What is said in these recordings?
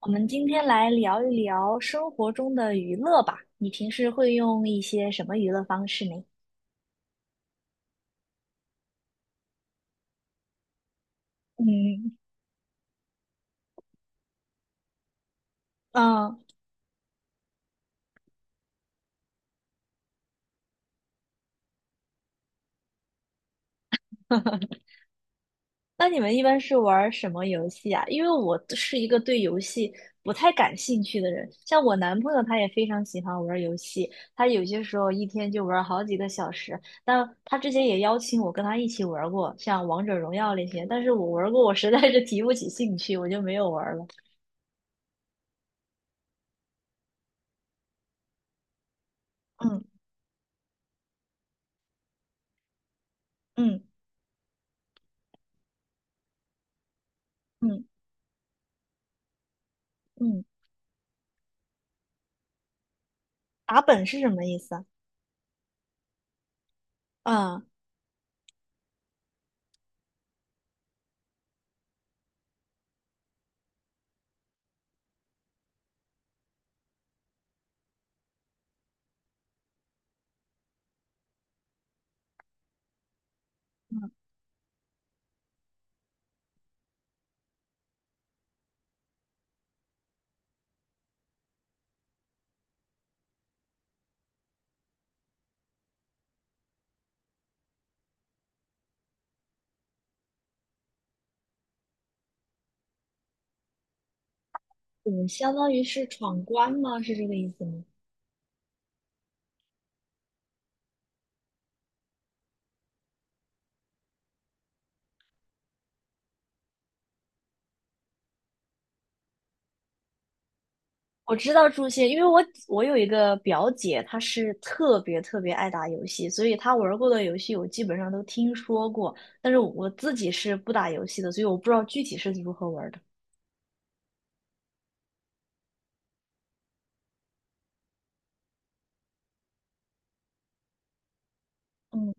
我们今天来聊一聊生活中的娱乐吧。你平时会用一些什么娱乐方式呢？嗯嗯。那你们一般是玩儿什么游戏啊？因为我是一个对游戏不太感兴趣的人，像我男朋友他也非常喜欢玩儿游戏，他有些时候一天就玩儿好几个小时。但他之前也邀请我跟他一起玩儿过，像王者荣耀那些，但是我玩儿过，我实在是提不起兴趣，我就没有玩儿了。嗯嗯嗯嗯，嗯，打本是什么意思啊？嗯，嗯，相当于是闯关吗？是这个意思吗？我知道诛仙，因为我有一个表姐，她是特别特别爱打游戏，所以她玩过的游戏我基本上都听说过，但是我自己是不打游戏的，所以我不知道具体是如何玩的。嗯，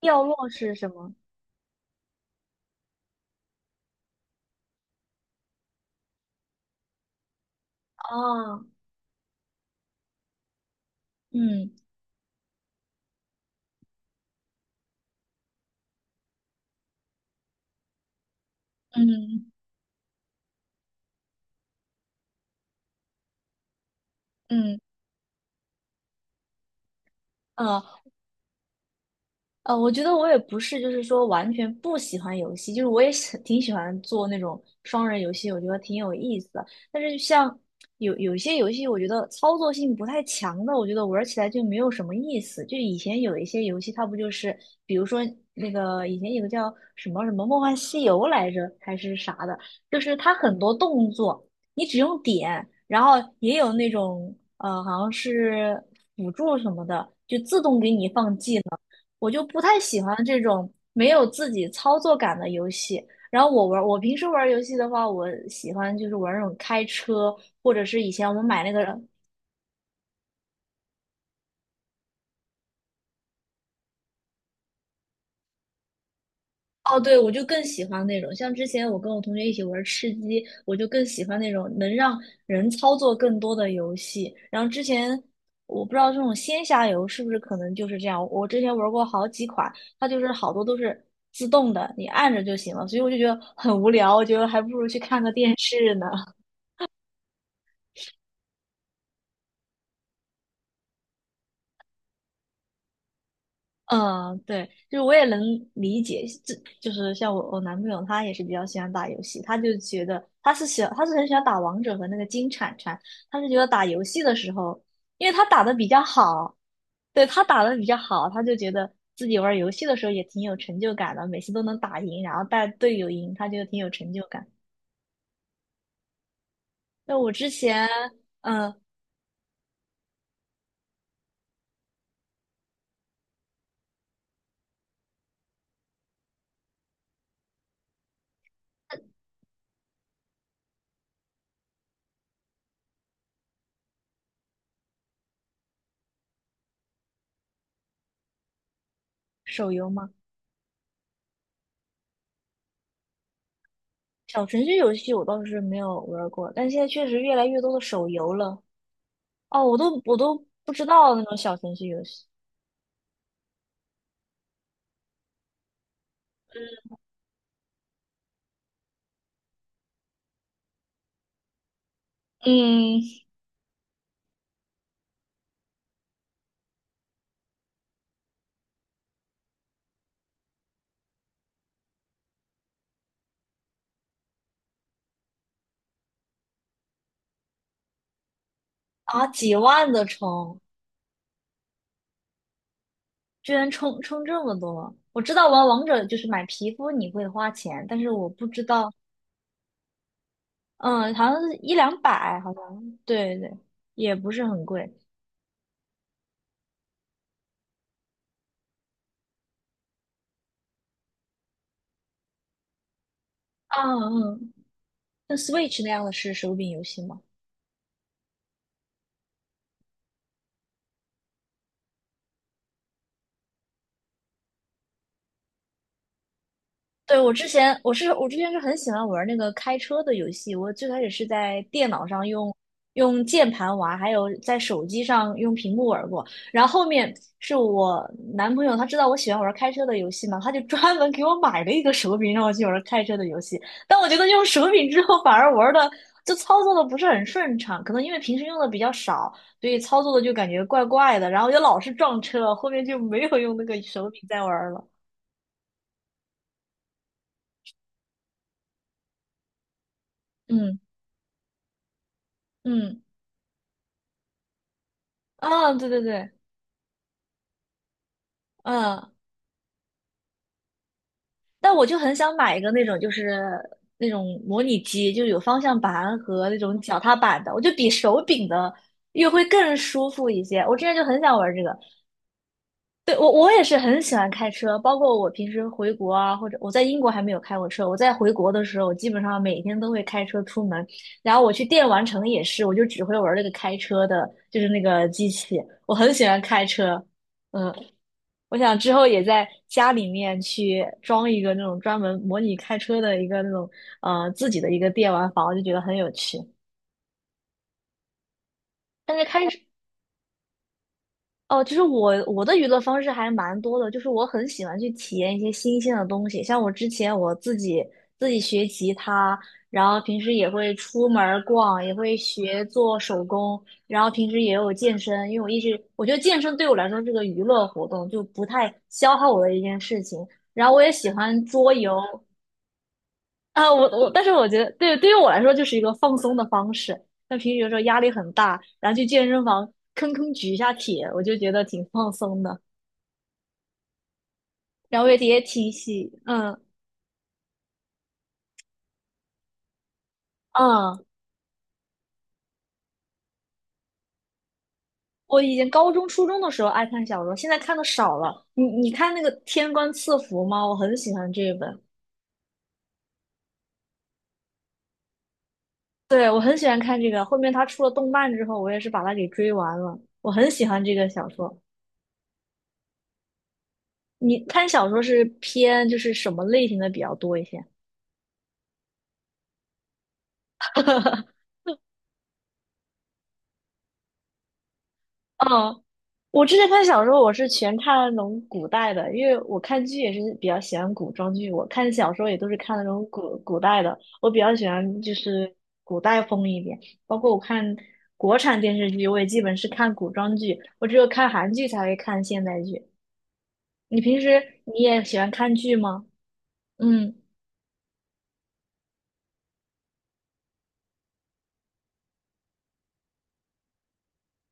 掉落是什么？啊？嗯嗯嗯嗯，呃我觉得我也不是，就是说完全不喜欢游戏，就是我也挺喜欢做那种双人游戏，我觉得挺有意思的。但是像有些游戏，我觉得操作性不太强的，我觉得玩起来就没有什么意思。就以前有一些游戏，它不就是，比如说那个以前有个叫什么什么《梦幻西游》来着，还是啥的，就是它很多动作你只用点，然后也有那种好像是辅助什么的，就自动给你放技能。我就不太喜欢这种没有自己操作感的游戏。然后我平时玩游戏的话，我喜欢就是玩那种开车，或者是以前我们买那个，哦，对，我就更喜欢那种。像之前我跟我同学一起玩吃鸡，我就更喜欢那种能让人操作更多的游戏。然后之前我不知道这种仙侠游是不是可能就是这样，我之前玩过好几款，它就是好多都是自动的，你按着就行了，所以我就觉得很无聊，我觉得还不如去看个电视呢。嗯，对，就是我也能理解，这就是像我男朋友，他也是比较喜欢打游戏，他就觉得他是很喜欢打王者和那个金铲铲，他是觉得打游戏的时候，因为他打的比较好，对，他打的比较好，他就觉得自己玩游戏的时候也挺有成就感的，每次都能打赢，然后带队友赢，他觉得挺有成就感。那我之前，嗯，手游嘛，小程序游戏我倒是没有玩儿过，但现在确实越来越多的手游了。哦，我都不知道那种小程序游戏。嗯，啊，几万的充，居然充这么多！我知道玩王者就是买皮肤你会花钱，但是我不知道，嗯，好像是一两百，好像，对对，也不是很贵。啊嗯，像 Switch 那样的是手柄游戏吗？对，我之前是很喜欢玩那个开车的游戏，我最开始是在电脑上用键盘玩，还有在手机上用屏幕玩过。然后后面是我男朋友，他知道我喜欢玩开车的游戏嘛，他就专门给我买了一个手柄让我去玩开车的游戏。但我觉得用手柄之后反而玩的就操作的不是很顺畅，可能因为平时用的比较少，所以操作的就感觉怪怪的，然后就老是撞车，后面就没有用那个手柄再玩了。嗯嗯。嗯，对对对，嗯，但我就很想买一个那种，就是那种模拟机，就有方向盘和那种脚踏板的，我就比手柄的又会更舒服一些。我之前就很想玩这个，对，我也是很喜欢开车，包括我平时回国啊，或者我在英国还没有开过车，我在回国的时候，我基本上每天都会开车出门，然后我去电玩城也是，我就只会玩那个开车的，就是那个机器，我很喜欢开车，嗯。我想之后也在家里面去装一个那种专门模拟开车的一个那种自己的一个电玩房，就觉得很有趣。但是开始哦，就是我的娱乐方式还蛮多的，就是我很喜欢去体验一些新鲜的东西，像我之前我自己学吉他，然后平时也会出门儿逛，也会学做手工，然后平时也有健身，因为我一直我觉得健身对我来说是个娱乐活动，就不太消耗我的一件事情。然后我也喜欢桌游，啊，但是我觉得，对，对于我来说就是一个放松的方式。那平时有时候压力很大，然后去健身房吭吭举一下铁，我就觉得挺放松的。然后也也挺喜，嗯嗯。我以前高中、初中的时候爱看小说，现在看的少了。你看那个《天官赐福》吗？我很喜欢这一本，对，我很喜欢看这个。后面他出了动漫之后，我也是把它给追完了。我很喜欢这个小说。你看小说是偏就是什么类型的比较多一些？嗯，我之前看小说，我是全看那种古代的，因为我看剧也是比较喜欢古装剧，我看小说也都是看那种古代的，我比较喜欢就是古代风一点。包括我看国产电视剧，我也基本是看古装剧，我只有看韩剧才会看现代剧。你平时你也喜欢看剧吗？嗯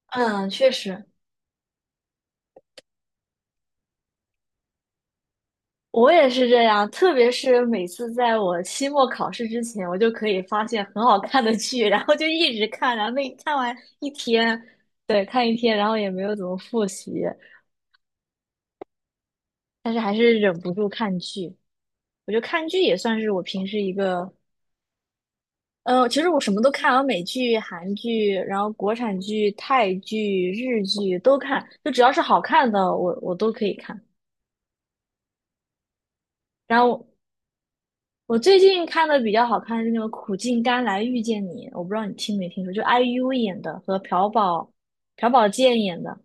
嗯，确实。我也是这样，特别是每次在我期末考试之前，我就可以发现很好看的剧，然后就一直看，然后那看完一天，对，看一天，然后也没有怎么复习，但是还是忍不住看剧。我觉得看剧也算是我平时一个，呃，其实我什么都看，我美剧、韩剧，然后国产剧、泰剧、日剧都看，就只要是好看的，我都可以看。然后我最近看的比较好看是那个《苦尽甘来遇见你》，我不知道你听没听说，就 IU 演的和朴宝剑演的，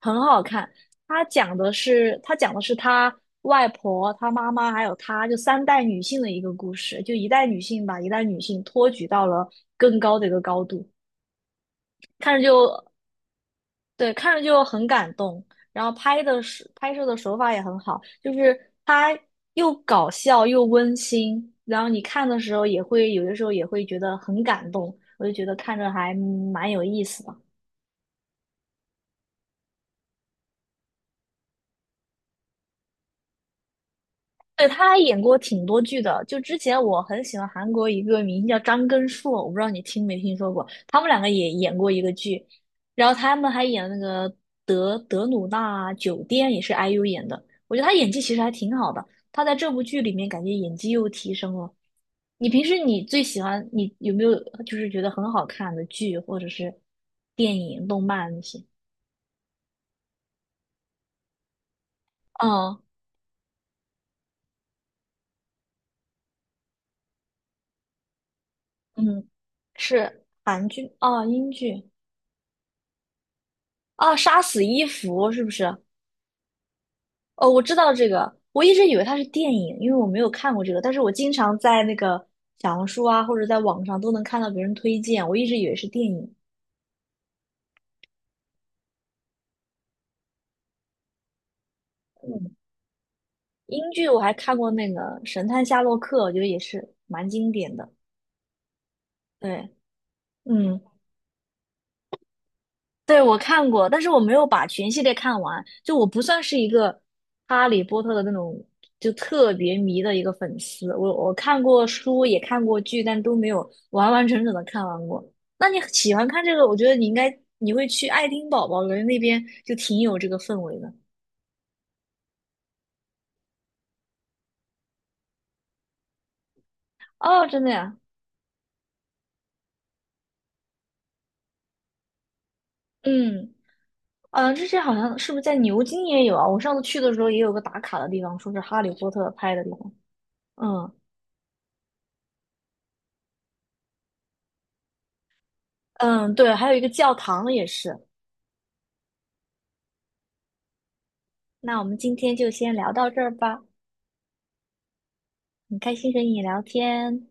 很好看。他讲的是他外婆、他妈妈还有他就三代女性的一个故事，就一代女性把一代女性托举到了更高的一个高度，看着就对，看着就很感动，然后拍摄的手法也很好，就是它又搞笑又温馨，然后你看的时候也会有的时候也会觉得很感动，我就觉得看着还蛮有意思的。对，他还演过挺多剧的。就之前我很喜欢韩国一个明星叫张根硕，我不知道你听没听说过。他们两个也演过一个剧，然后他们还演那个德鲁纳酒店，也是 IU 演的。我觉得他演技其实还挺好的，他在这部剧里面感觉演技又提升了。你平时你最喜欢你有没有就是觉得很好看的剧或者是电影、动漫那些？嗯嗯，是韩剧哦，英剧哦，杀死伊芙是不是？哦，我知道这个，我一直以为它是电影，因为我没有看过这个，但是我经常在那个小红书啊，或者在网上都能看到别人推荐，我一直以为是电影。嗯，英剧我还看过那个《神探夏洛克》，我觉得也是蛮经典的。对，嗯。对，我看过，但是我没有把全系列看完。就我不算是一个哈利波特的那种就特别迷的一个粉丝，我看过书，也看过剧，但都没有完完整整的看完过。那你喜欢看这个，我觉得你应该你会去爱丁堡吧，我觉得那边就挺有这个氛围的。哦，真的呀，嗯，呃，之前好像是不是在牛津也有啊？我上次去的时候也有个打卡的地方，说是哈利波特拍的地方。嗯嗯，对，还有一个教堂也是。那我们今天就先聊到这儿吧，很开心和你聊天，